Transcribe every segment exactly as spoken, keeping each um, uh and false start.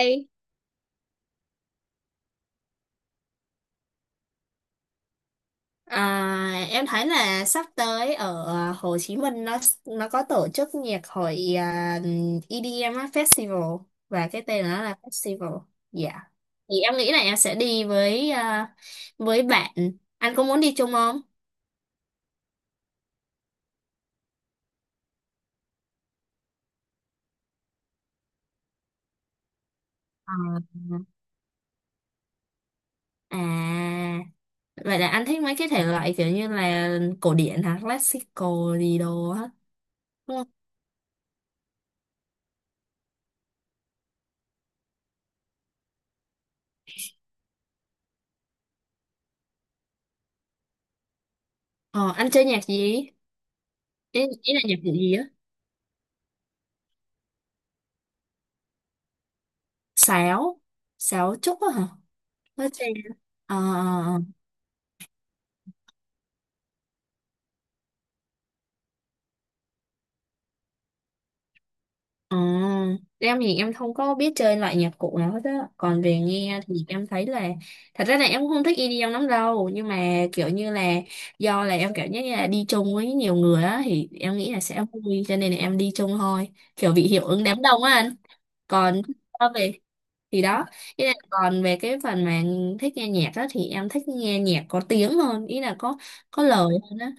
Ê, à, em thấy là sắp tới ở à, Hồ Chí Minh nó nó có tổ chức nhạc hội, à, i đi em á, Festival, và cái tên nó là Festival. Dạ. Thì em nghĩ là em sẽ đi với, à, với bạn. Anh có muốn đi chung không? À, à, vậy là anh thích mấy cái thể loại kiểu như là cổ điển hả, classical gì đồ á, đúng không? Ờ, anh chơi nhạc gì? Ý, ý là nhạc cụ gì á? Sáo, sáo trúc á hả? Hết rồi. Ờ, ờ, ờ. Em thì em không có biết chơi loại nhạc cụ nào hết á. Còn về nghe thì em thấy là thật ra là em cũng không thích i đi i đi em lắm đâu, nhưng mà kiểu như là do là em cảm giác như là đi chung với nhiều người á thì em nghĩ là sẽ vui cho nên là em đi chung thôi, kiểu bị hiệu ứng đám đông á anh. Còn so về thì đó, ý là còn về cái phần mà thích nghe nhạc á thì em thích nghe nhạc có tiếng hơn, ý là có có lời hơn á.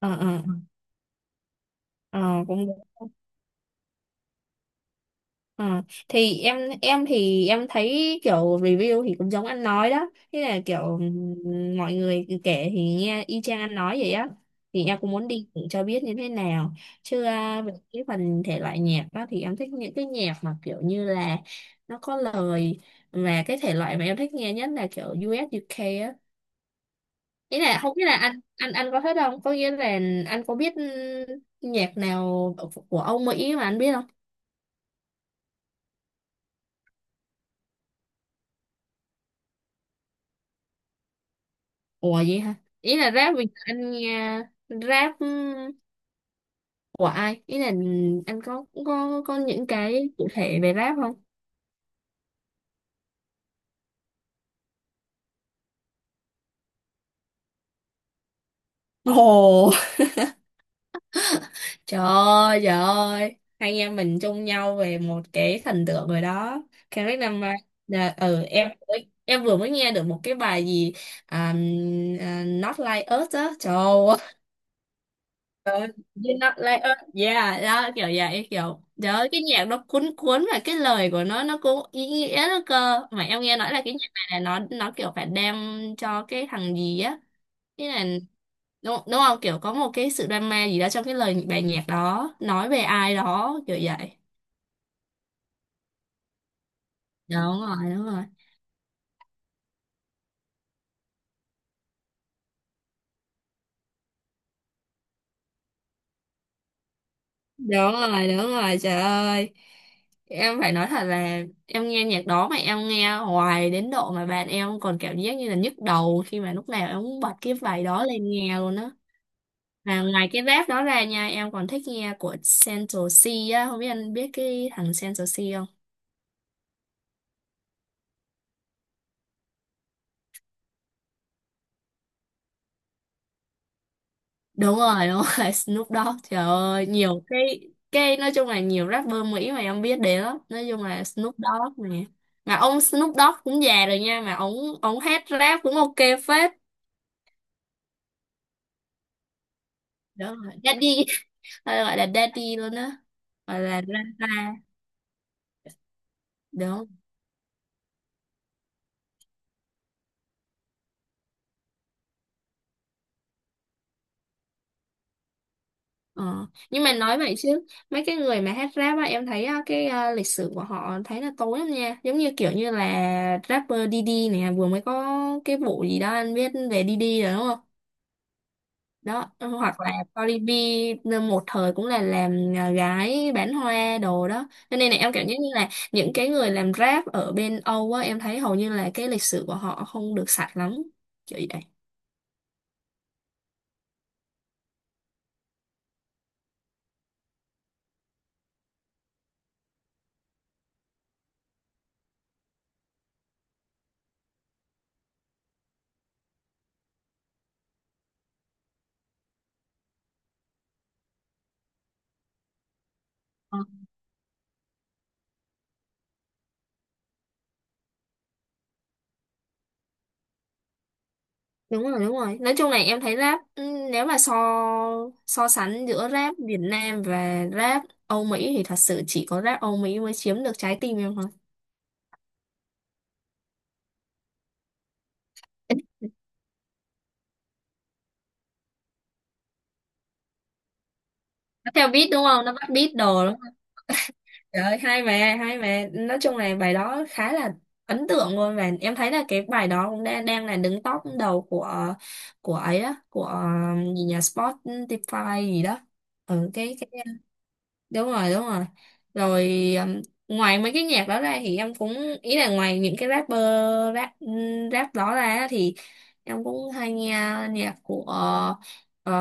Ờ, ờ, ờ, cũng. Ờ, thì em em thì em thấy kiểu review thì cũng giống anh nói đó, thế là kiểu ừm, mọi người kể thì nghe y chang anh nói vậy á, thì em cũng muốn đi thử cho biết như thế nào chứ, à, về cái phần thể loại nhạc đó thì em thích những cái nhạc mà kiểu như là nó có lời, và cái thể loại mà em thích nghe nhất là kiểu diu ét diu kây á. Ý là không biết là anh anh anh có thích không, có nghĩa là anh có biết ừm, nhạc nào của ông Mỹ mà anh biết không. Ủa vậy hả? Ý là rap bây giờ anh nghe, rap của ai? Ý là anh có có có những cái cụ thể về rap không? Ồ, trời ơi, trời ơi. Hai anh em mình chung nhau về một cái thần tượng rồi đó. Kendrick Lamar. Là, ừ, em, em vừa mới nghe được một cái bài gì, à, à, Not Like Us á. Trời. You not like us. Yeah, đó kiểu vậy, kiểu đó, cái nhạc nó cuốn cuốn và cái lời của nó nó cũng ý nghĩa đó, cơ mà em nghe nói là cái nhạc này là nó nó kiểu phải đem cho cái thằng gì á, cái là, đúng, đúng không, kiểu có một cái sự drama gì đó trong cái lời bài nhạc đó, nói về ai đó kiểu vậy. Đúng rồi, đúng rồi, đúng rồi, đúng rồi, trời ơi, em phải nói thật là em nghe nhạc đó mà em nghe hoài đến độ mà bạn em còn cảm giác như là nhức đầu khi mà lúc nào em cũng bật cái bài đó lên nghe luôn á. Và ngoài cái rap đó ra nha, em còn thích nghe của Central C á, không biết anh biết cái thằng Central C không? Đúng rồi, đúng rồi, Snoop Dogg, trời ơi, nhiều cái, cái nói chung là nhiều rapper Mỹ mà em biết đến lắm, nói chung là Snoop Dogg nè. Mà ông Snoop Dogg cũng già rồi nha, mà ông, ông hát rap cũng ok phết. Đúng rồi, daddy, hay gọi là daddy luôn á, gọi là grandpa. Đúng. Ờ. Nhưng mà nói vậy chứ mấy cái người mà hát rap á em thấy á, cái ờ, lịch sử của họ thấy là tối lắm nha, giống như kiểu như là rapper Diddy này à, vừa mới có cái vụ gì đó anh biết về Diddy rồi đúng không. Đó, hoặc là Cardi B một thời cũng là làm, à, gái bán hoa đồ đó, cho nên là em cảm giác như là những cái người làm rap ở bên Âu á em thấy hầu như là cái lịch sử của họ không được sạch lắm kiểu vậy. Đúng rồi, đúng rồi, nói chung này em thấy rap, ừ, nếu mà so, so sánh giữa rap Việt Nam và rap Âu Mỹ thì thật sự chỉ có rap Âu Mỹ mới chiếm được trái tim em thôi. Nó theo beat đúng không, nó bắt beat đồ đúng không. Trời ơi hay mà, hay mà, nói chung là bài đó khá là ấn tượng luôn, và em thấy là cái bài đó cũng đang, đang là đứng top đầu của của ấy đó, của um, gì nhà Spotify gì đó. Ừ, cái cái đúng rồi, đúng rồi. Rồi um, ngoài mấy cái nhạc đó ra thì em cũng, ý là ngoài những cái rapper, rap rap đó ra thì em cũng hay nghe nhạc của, ờ,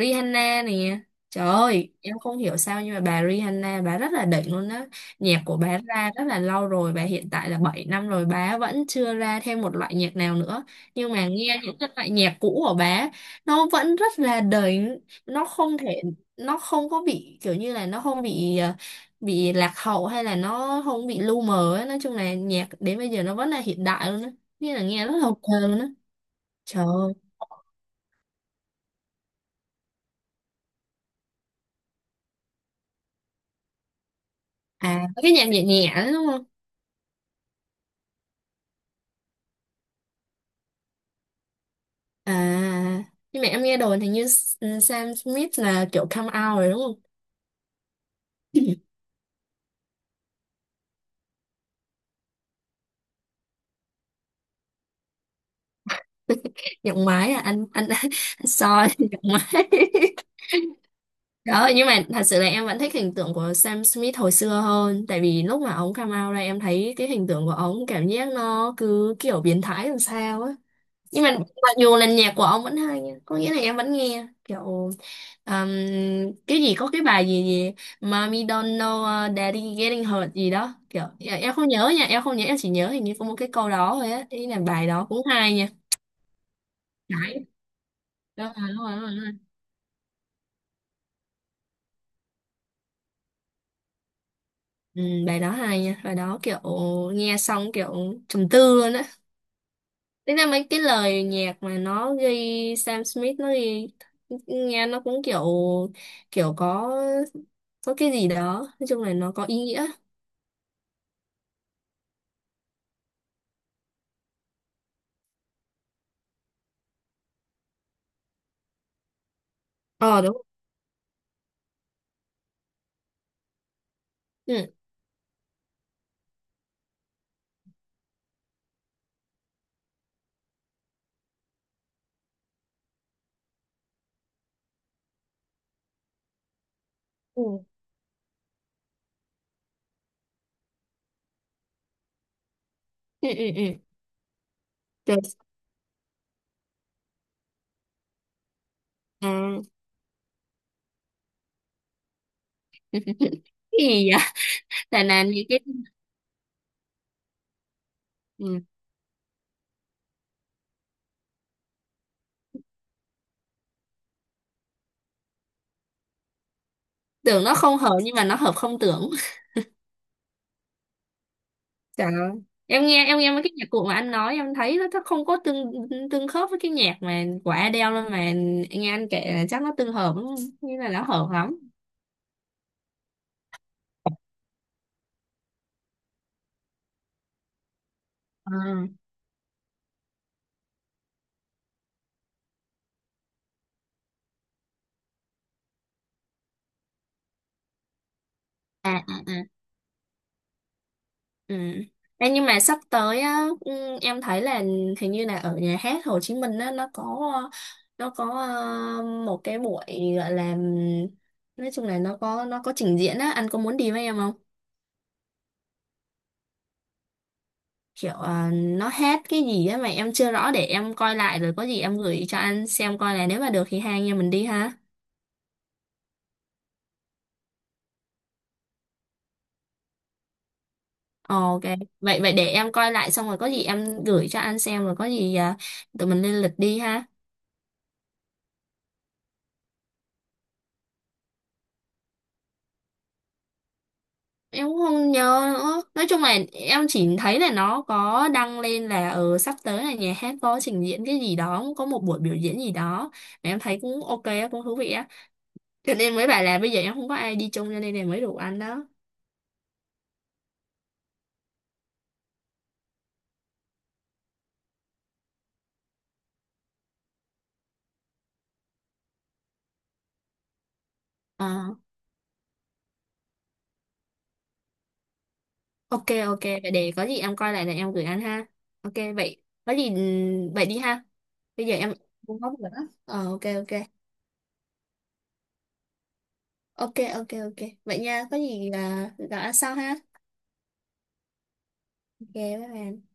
Rihanna nè. Trời ơi em không hiểu sao nhưng mà bà Rihanna bà rất là đỉnh luôn đó. Nhạc của bà ra rất là lâu rồi, bà hiện tại là bảy năm rồi bà vẫn chưa ra thêm một loại nhạc nào nữa, nhưng mà nghe những cái loại nhạc cũ của bà nó vẫn rất là đỉnh. Nó không thể, nó không có bị kiểu như là nó không bị, ờ, bị lạc hậu hay là nó không bị lu mờ ấy. Nói chung là nhạc đến bây giờ nó vẫn là hiện đại luôn á, nghĩa là nghe rất là ok luôn á. Trời ơi. À, cái nhạc nhẹ nhẹ đấy đúng không. À, nhưng mà em nghe đồn thì như S- ừ, Sam Smith là kiểu come out rồi đúng không. Nhạc máy à anh, anh, anh soi nhạc máy. Đó, nhưng mà thật sự là em vẫn thích hình tượng của Sam Smith hồi xưa hơn. Tại vì lúc mà ông come out ra em thấy cái hình tượng của ông cảm giác nó cứ kiểu biến thái làm sao á. Nhưng mà mặc dù là nhạc của ông vẫn hay nha. Có nghĩa là em vẫn nghe kiểu um, cái gì, có cái bài gì gì, Mommy don't know, uh, daddy getting hurt gì đó. Kiểu em em không nhớ nha, em không nhớ, em chỉ nhớ hình như có một cái câu đó thôi á. Ý là bài đó cũng hay nha. Đấy, đúng rồi, đúng rồi, đúng rồi. Ừ, bài đó hay nha, bài đó kiểu nghe xong kiểu trầm tư luôn á. Thế ra mấy cái lời nhạc mà nó ghi, Sam Smith nó ghi nghe nó cũng kiểu, kiểu có có cái gì đó, nói chung là nó có ý nghĩa. Ờ đúng. Ừ. Ừ. Ừ, ừ, ừ. Rồi, à, cái gì vậy? Là là những cái, ừ, tưởng nó không hợp nhưng mà nó hợp không tưởng. Trời ơi. Em nghe, em nghe mấy cái nhạc cụ mà anh nói em thấy nó, nó không có tương, tương khớp với cái nhạc mà của Adele luôn mà, nghe anh kể là chắc nó tương hợp lắm, như là nó hợp lắm. À, à, à, à. Ừ. Ê, nhưng mà sắp tới á, ừ, em thấy là hình như là ở nhà hát Hồ Chí Minh á, nó có nó có ờ, một cái buổi gọi là, nói chung là nó có nó có trình diễn á, anh có muốn đi với em không. Kiểu ờ, nó hết cái gì á mà em chưa rõ, để em coi lại rồi có gì em gửi cho anh xem, coi là nếu mà được thì hai anh em mình đi ha. Ờ, ok, vậy vậy để em coi lại xong rồi có gì em gửi cho anh xem, rồi có gì, à, tụi mình lên lịch đi ha. Em cũng không nhớ nữa, nói chung là em chỉ thấy là nó có đăng lên là, ờ, sắp tới là nhà hát có trình diễn cái gì đó, có một buổi biểu diễn gì đó mà em thấy cũng ok á, cũng thú vị á, cho nên mới bảo là bây giờ em không có ai đi chung cho nên là mới rủ anh đó. Ờ. Ok, ok, vậy để có gì em coi lại là em gửi anh ha. Ok, vậy có gì ừm, vậy đi ha, bây giờ em không có việc nữa, ờ, ok, ok, ok, ok. Ok vậy nha, có gì là gặp anh sau ha. Ok, bye bye.